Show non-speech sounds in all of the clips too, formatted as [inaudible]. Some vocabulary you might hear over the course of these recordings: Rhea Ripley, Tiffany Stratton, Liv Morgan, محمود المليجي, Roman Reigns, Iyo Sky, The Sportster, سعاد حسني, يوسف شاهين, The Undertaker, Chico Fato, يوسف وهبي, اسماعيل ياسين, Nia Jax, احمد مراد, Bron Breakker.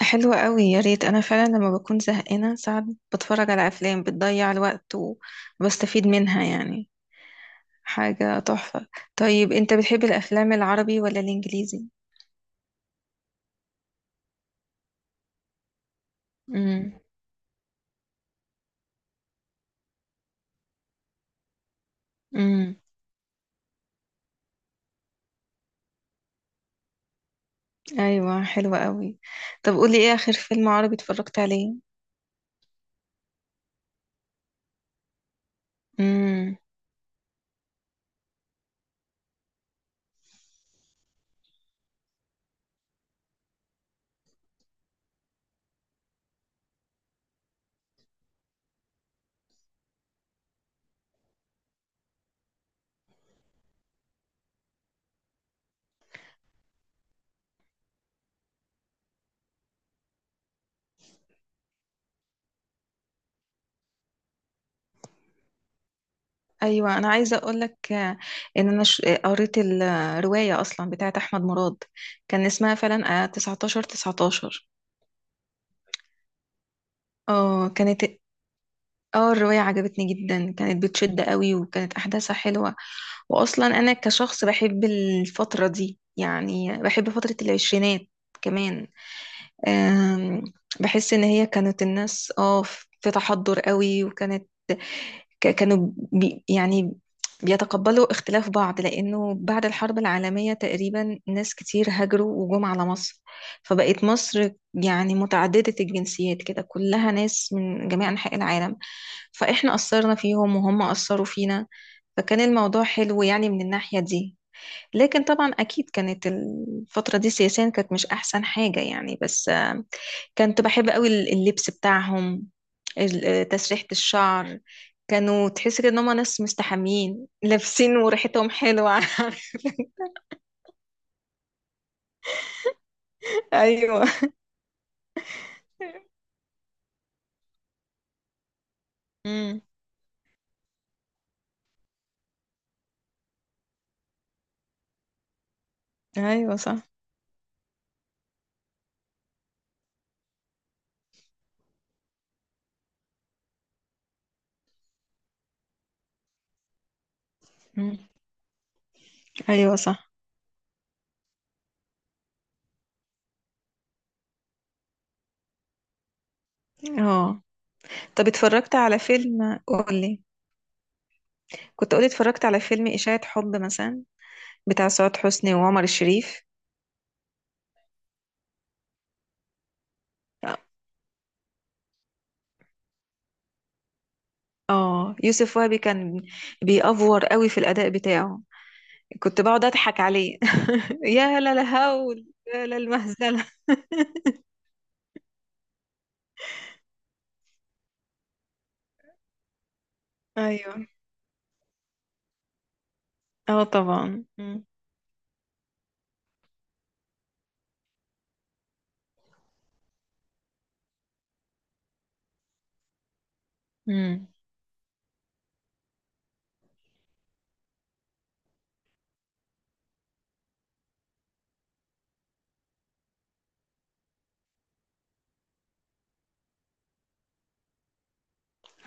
حلوة قوي، يا ريت. انا فعلا لما بكون زهقانة ساعات بتفرج على افلام بتضيع الوقت وبستفيد منها، يعني حاجة تحفة. طيب انت بتحب الافلام العربي ولا الانجليزي؟ امم امم ايوه، حلوة قوي. طب قولي ايه اخر فيلم عربي اتفرجت عليه؟ امم ايوه، انا عايزه اقول لك ان انا قريت الروايه اصلا بتاعت احمد مراد، كان اسمها فعلا 19 19. اه كانت. اه الرواية عجبتني جدا، كانت بتشد قوي وكانت أحداثها حلوة. وأصلا أنا كشخص بحب الفترة دي، يعني بحب فترة العشرينات كمان. أم، بحس إن هي كانت الناس اه في تحضر قوي. وكانت كانوا يعني بيتقبلوا اختلاف بعض، لأنه بعد الحرب العالمية تقريبا ناس كتير هاجروا وجم على مصر، فبقت مصر يعني متعددة الجنسيات كده، كلها ناس من جميع أنحاء العالم، فإحنا أثرنا فيهم وهم أثروا فينا. فكان الموضوع حلو يعني من الناحية دي. لكن طبعا أكيد كانت الفترة دي سياسيا كانت مش أحسن حاجة يعني، بس كنت بحب قوي اللبس بتاعهم، تسريحة الشعر. كانوا تحس كده ان هم ناس مستحمين لابسين وريحتهم حلوة. [laughs] ايوه. امم. ايوه صح. مم. ايوه صح. اه. طب اتفرجت على فيلم، قولي؟ كنت قولي: اتفرجت على فيلم إشاعة حب مثلا، بتاع سعاد حسني وعمر الشريف. اه يوسف وهبي كان بيأفور قوي في الأداء بتاعه، كنت بقعد أضحك عليه. [laughs] يا لا الهول، يا لا المهزلة. [laughs] ايوه. اه طبعا. مم. مم.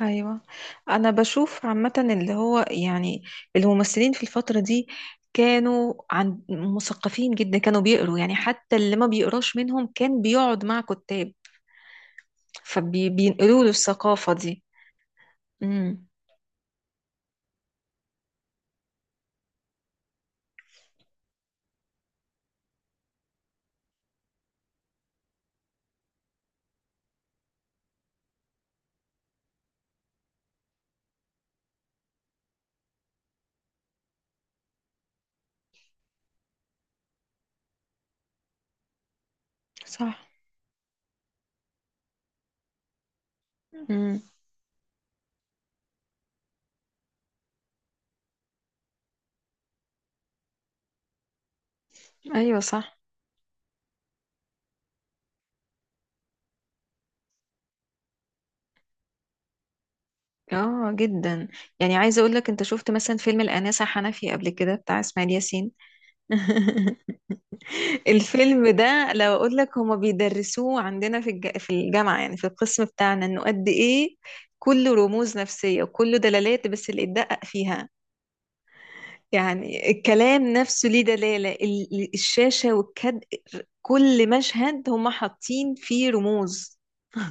ايوه انا بشوف عامة اللي هو يعني الممثلين في الفترة دي كانوا عن مثقفين جدا، كانوا بيقروا، يعني حتى اللي ما بيقراش منهم كان بيقعد مع كتاب، فبينقلوا له الثقافة دي. امم. صح. امم. ايوه صح. اه جدا. يعني عايزه اقول لك، انت شفت مثلا فيلم الانسه حنفي قبل كده بتاع اسماعيل ياسين؟ [laughs] الفيلم ده لو اقول لك هما بيدرسوه عندنا في في الجامعه، يعني في القسم بتاعنا، انه قد ايه كله رموز نفسيه وكله دلالات بس اللي اتدقق فيها. يعني الكلام نفسه ليه دلاله، الشاشه والكد. كل مشهد هما حاطين فيه رموز. [laughs]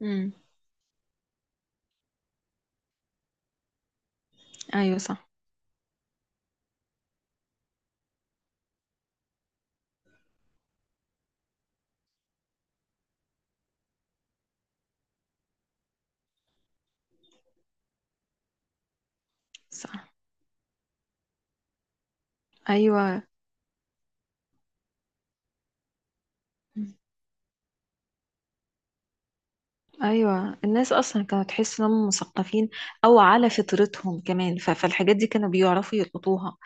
امم. ايوه صح. صح. ايوه. ايوه الناس اصلا كانوا تحس انهم مثقفين او على فطرتهم كمان، فالحاجات دي كانوا بيعرفوا يلقطوها.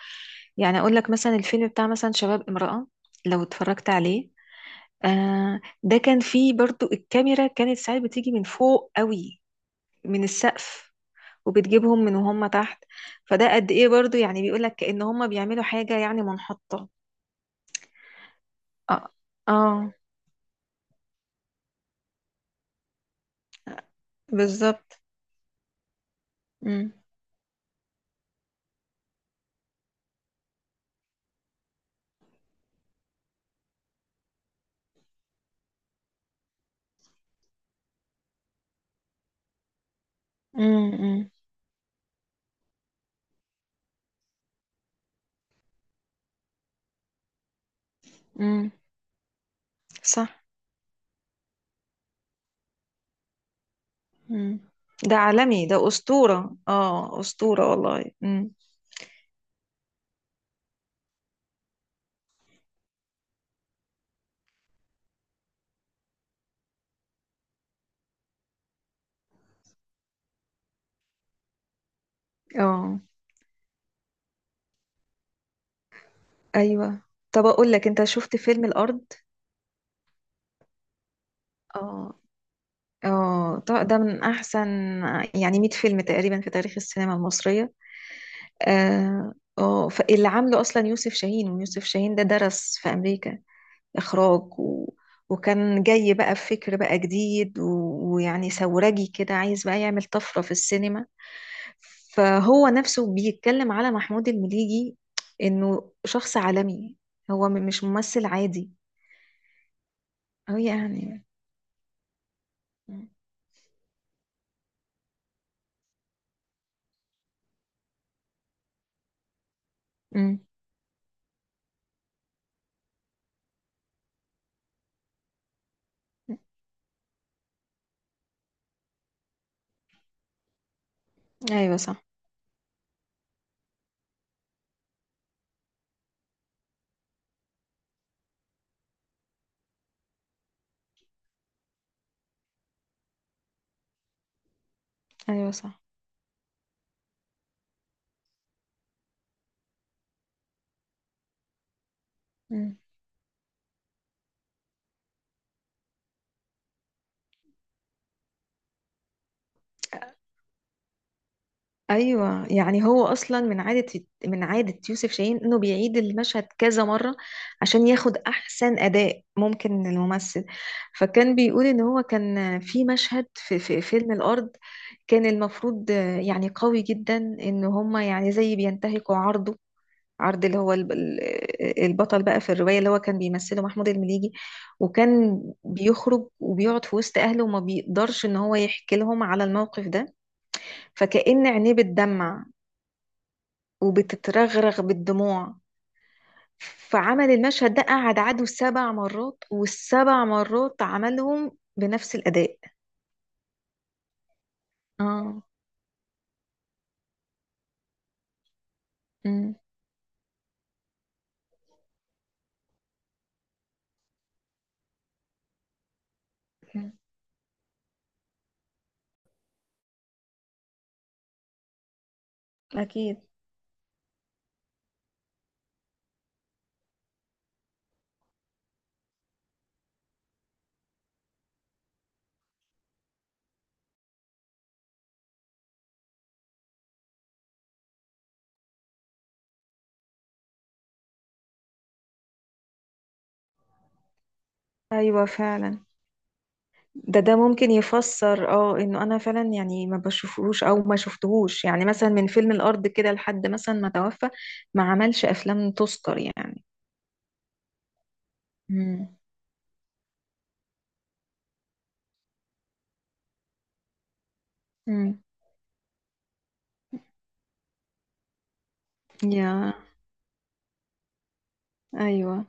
يعني اقول لك مثلا الفيلم بتاع مثلا شباب امرأة، لو اتفرجت عليه. آه ده كان فيه برضو الكاميرا كانت ساعات بتيجي من فوق قوي، من السقف، وبتجيبهم من وهم تحت. فده قد ايه برضو يعني بيقول لك كأن هم بيعملوا حاجة يعني منحطة. اه، آه بالظبط. امم امم امم. صح. مم. ده عالمي، ده أسطورة، اه أسطورة والله. مم. اه أيوة. طب أقول لك، أنت شفت فيلم الأرض؟ اه. اه طب ده من أحسن يعني 100 فيلم تقريبا في تاريخ السينما المصرية. اه فاللي عامله أصلا يوسف شاهين، ويوسف شاهين ده درس في أمريكا إخراج و... وكان جاي بقى بفكر بقى جديد و... ويعني ثورجي كده، عايز بقى يعمل طفرة في السينما. فهو نفسه بيتكلم على محمود المليجي إنه شخص عالمي، هو مش ممثل عادي. أو يعني. مم. أيوة صح. أيوة صح. مم. ايوه يعني هو اصلا من من عاده يوسف شاهين انه بيعيد المشهد كذا مره عشان ياخد احسن اداء ممكن من الممثل. فكان بيقول ان هو كان في مشهد في فيلم الارض، كان المفروض يعني قوي جدا ان هما يعني زي بينتهكوا عرضه، عرض اللي هو البطل بقى في الروايه اللي هو كان بيمثله محمود المليجي. وكان بيخرج وبيقعد في وسط اهله وما بيقدرش ان هو يحكي لهم على الموقف ده، فكأن عينيه بتدمع وبتترغرغ بالدموع. فعمل المشهد ده قعد عدو سبع مرات، والسبع مرات عملهم بنفس الأداء. اه. امم. اكيد. أيوة فعلا. ده ده ممكن يفسر اه انه انا فعلا يعني ما بشوفهوش او ما شفتهوش يعني مثلا من فيلم الارض كده لحد مثلا ما توفى، ما عملش افلام تذكر يعني. امم. امم. يا. ايوه.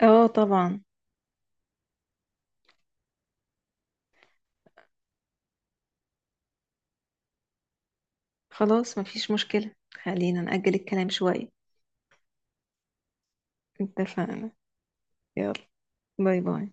اه طبعا. خلاص مفيش مشكلة، خلينا نأجل الكلام شوية. اتفقنا. يلا، باي باي.